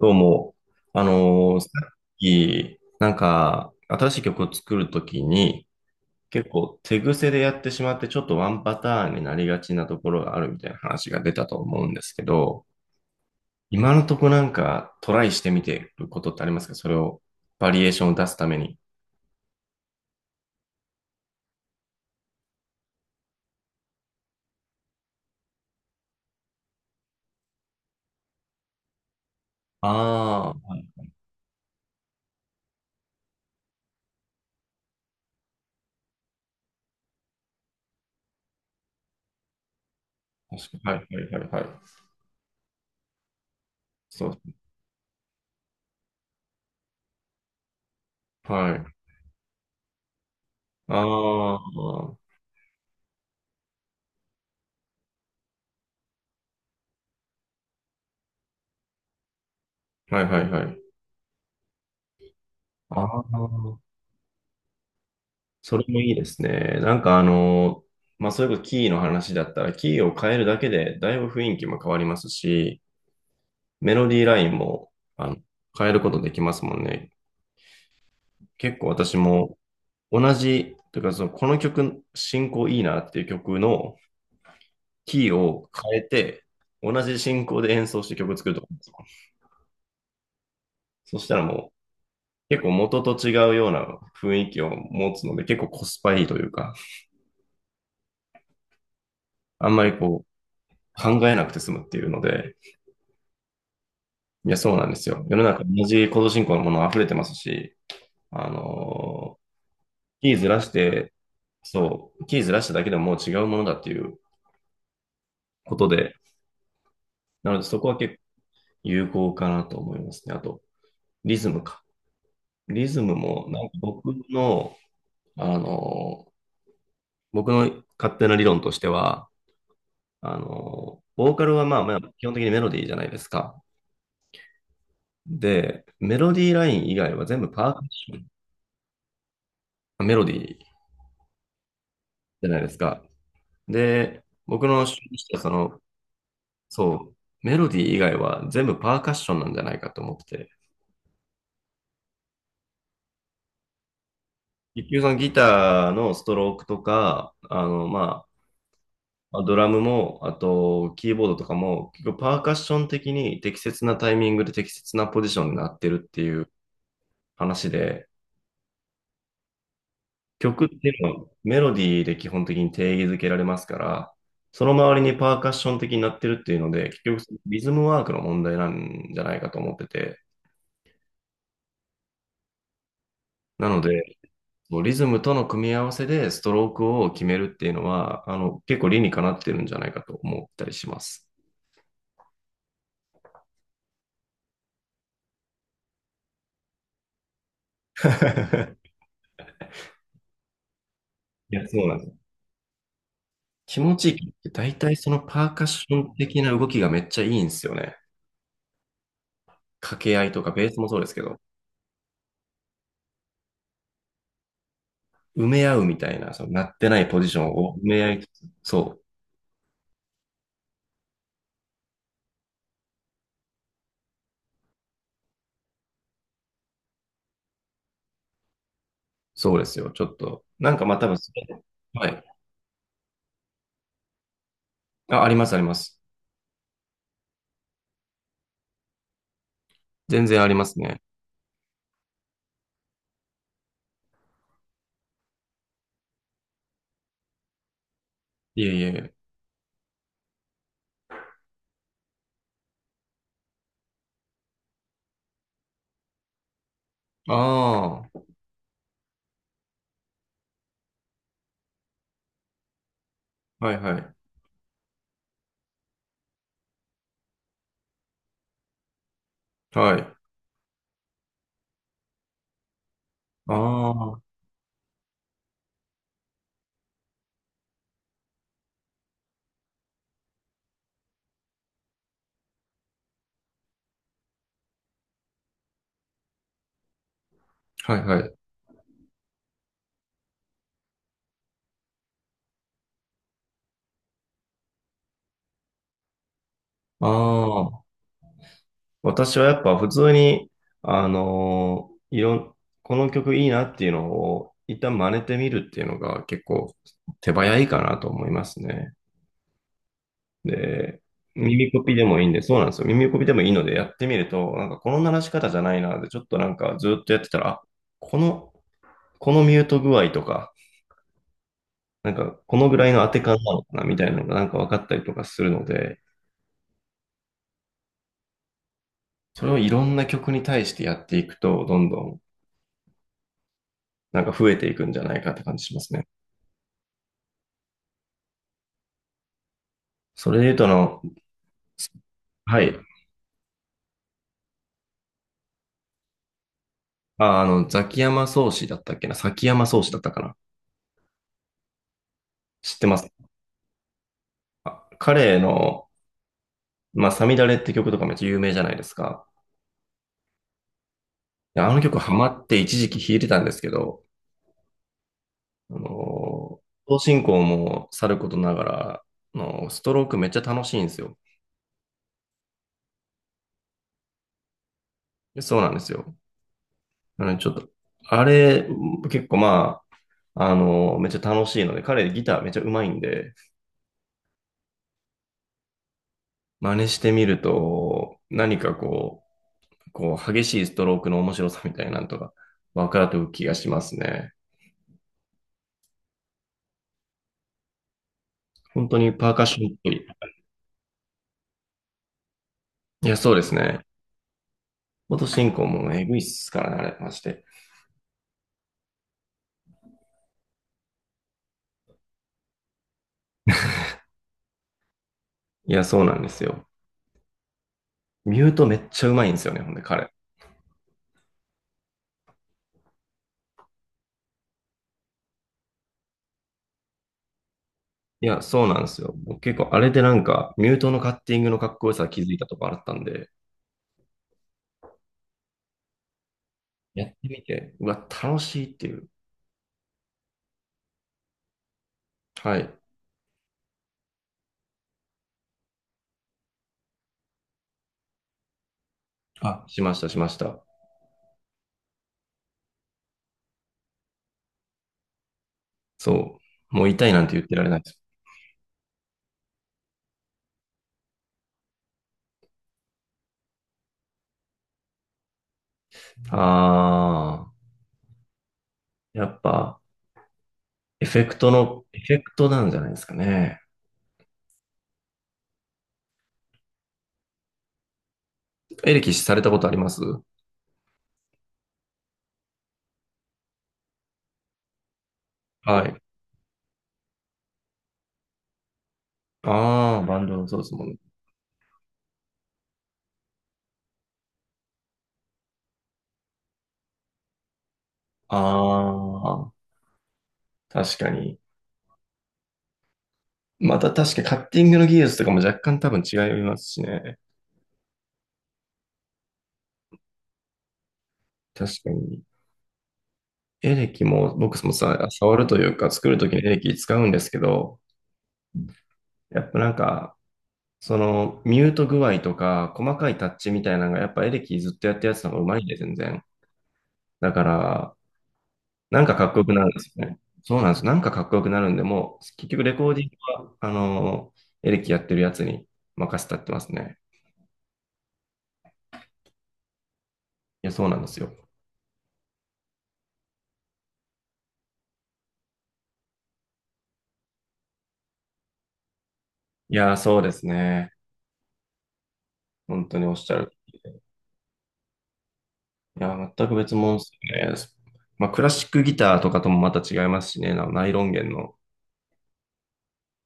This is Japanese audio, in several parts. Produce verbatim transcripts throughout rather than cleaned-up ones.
どうも、あのーさっき、なんか、新しい曲を作るときに、結構手癖でやってしまって、ちょっとワンパターンになりがちなところがあるみたいな話が出たと思うんですけど、今のとこなんかトライしてみてることってありますかそれを、バリエーションを出すために。ああ、はい。確かに。はい、はい、はい、はい。そう。はい。ああ、はい、はい、はい。ああ。それもいいですね。なんかあの、まあ、そういうことキーの話だったら、キーを変えるだけで、だいぶ雰囲気も変わりますし、メロディーラインも、あの、変えることできますもんね。結構私も同じ、というか、その、この曲、進行いいなっていう曲のキーを変えて、同じ進行で演奏して曲作るとかですよ。そしたらもう、結構元と違うような雰囲気を持つので、結構コスパいいというか、あんまりこう、考えなくて済むっていうので、いや、そうなんですよ。世の中同じコード進行のもの溢れてますし、あのーキーずらして、そう、キーずらしただけでももう違うものだっていうことで、なのでそこは結構有効かなと思いますね。あと、リズムか。リズムも、なんか僕の、あのー僕の勝手な理論としては、あのーボーカルはまあまあ基本的にメロディーじゃないですか。で、メロディーライン以外は全部パーカッション、メロディーじゃないですか。で、僕の趣味としたそのそう、メロディー以外は全部パーカッションなんじゃないかと思ってて。結局そのギターのストロークとか、あの、まあ、ドラムも、あと、キーボードとかも、結局パーカッション的に適切なタイミングで適切なポジションになってるっていう話で、曲っていうのはメロディーで基本的に定義づけられますから、その周りにパーカッション的になってるっていうので、結局そのリズムワークの問題なんじゃないかと思ってて、なので、リズムとの組み合わせでストロークを決めるっていうのは、あの、結構理にかなってるんじゃないかと思ったりします。いや、そうなんですよ。気持ちいいって大体そのパーカッション的な動きがめっちゃいいんですよね。掛け合いとかベースもそうですけど、埋め合うみたいな、そのなってないポジションを埋め合いつつ、そう、そうですよ。ちょっと、なんかまあ多分それ、はい。あ、あります、あります。全然ありますね。いえいえ。ああ、はいはい。はい。ああ、はいはい。ああ。私はやっぱ普通に、あのーいろん、この曲いいなっていうのを一旦真似てみるっていうのが結構手早いかなと思いますね。で、耳コピでもいいんで、そうなんですよ。耳コピでもいいのでやってみると、なんかこの鳴らし方じゃないなで、ちょっとなんかずっとやってたら、あ、この、このミュート具合とか、なんかこのぐらいの当て感なのかなみたいなのがなんか分かったりとかするので、それをいろんな曲に対してやっていくと、どんどんなんか増えていくんじゃないかって感じしますね。それで言うと、あの、はい。あ、あの、ザキヤマ宗師だったっけな崎山宗師だったかな知ってますあ彼の、まあ、サミダレって曲とかめっちゃ有名じゃないですか。であの曲ハマって一時期弾いてたんですけど、あの、同進行もさることながら、あの、ストロークめっちゃ楽しいんですよ。でそうなんですよ。あの、ちょっと、あれ、結構まあ、あの、めっちゃ楽しいので、彼ギターめっちゃ上手いんで、真似してみると、何かこう、こう、激しいストロークの面白さみたいなのとか、分かると気がしますね。本当にパーカッションっぽい。いや、そうですね。元進行もエグいっすからね、あれ、まして。いや、そうなんですよ。ミュートめっちゃうまいんですよね、ほんで、彼。いや、そうなんですよ。僕結構、あれでなんか、ミュートのカッティングのかっこよさ気づいたとこあったんで、やってみて、うわ、楽しいっていう。はい。あ、しました、しました。そう。もう痛いなんて言ってられないです。あー、やっぱ、エフェクトの、エフェクトなんじゃないですかね。エレキされたことありますはい。ああ、バンドのそうですもんね。ああ、確かに。また確かにカッティングの技術とかも若干多分違いますしね。確かに。エレキも僕もさ、触るというか作るときにエレキ使うんですけど、やっぱなんか、そのミュート具合とか細かいタッチみたいなのがやっぱエレキずっとやってるやつの方がうまいんで全然。だから、なんかかっこよくなるんですよね。そうなんです。なんかかっこよくなるんで、もう、結局レコーディングは、あのー、エレキやってるやつに任せたってますね。いや、そうなんですよ。いやー、そうですね。本当におっしゃる。いやー、全く別物ですね。まあ、クラシックギターとかともまた違いますしね。あのナイロン弦の、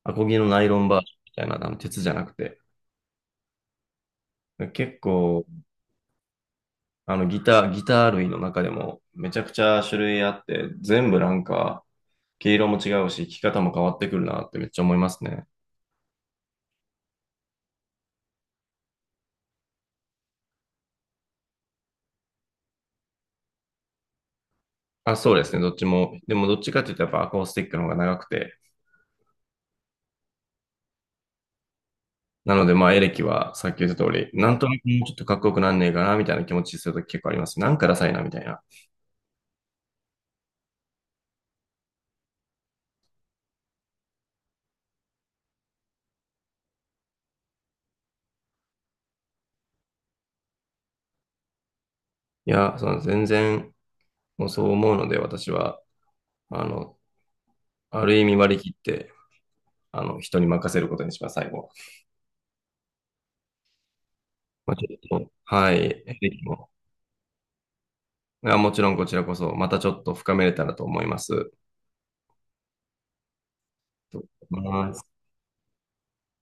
アコギのナイロンバージョンみたいな、あの、鉄じゃなくて。結構、あのギター、ギター類の中でもめちゃくちゃ種類あって、全部なんか、毛色も違うし、弾き方も変わってくるなってめっちゃ思いますね。あ、そうですね、どっちも。でもどっちかって言ったらやっぱアコースティックの方が長くて、なのでまあエレキはさっき言った通り、なんとなくもうちょっとかっこよくなんねえかなみたいな気持ちするとき結構あります。なんかダサいなみたいな。いや、その全然もうそう思うので私は、あの、ある意味割り切って、あの、人に任せることにします、最後は。まあ、ちょっと、はい、エレキもがもちろんこちらこそまたちょっと深めれたらと思います。と思います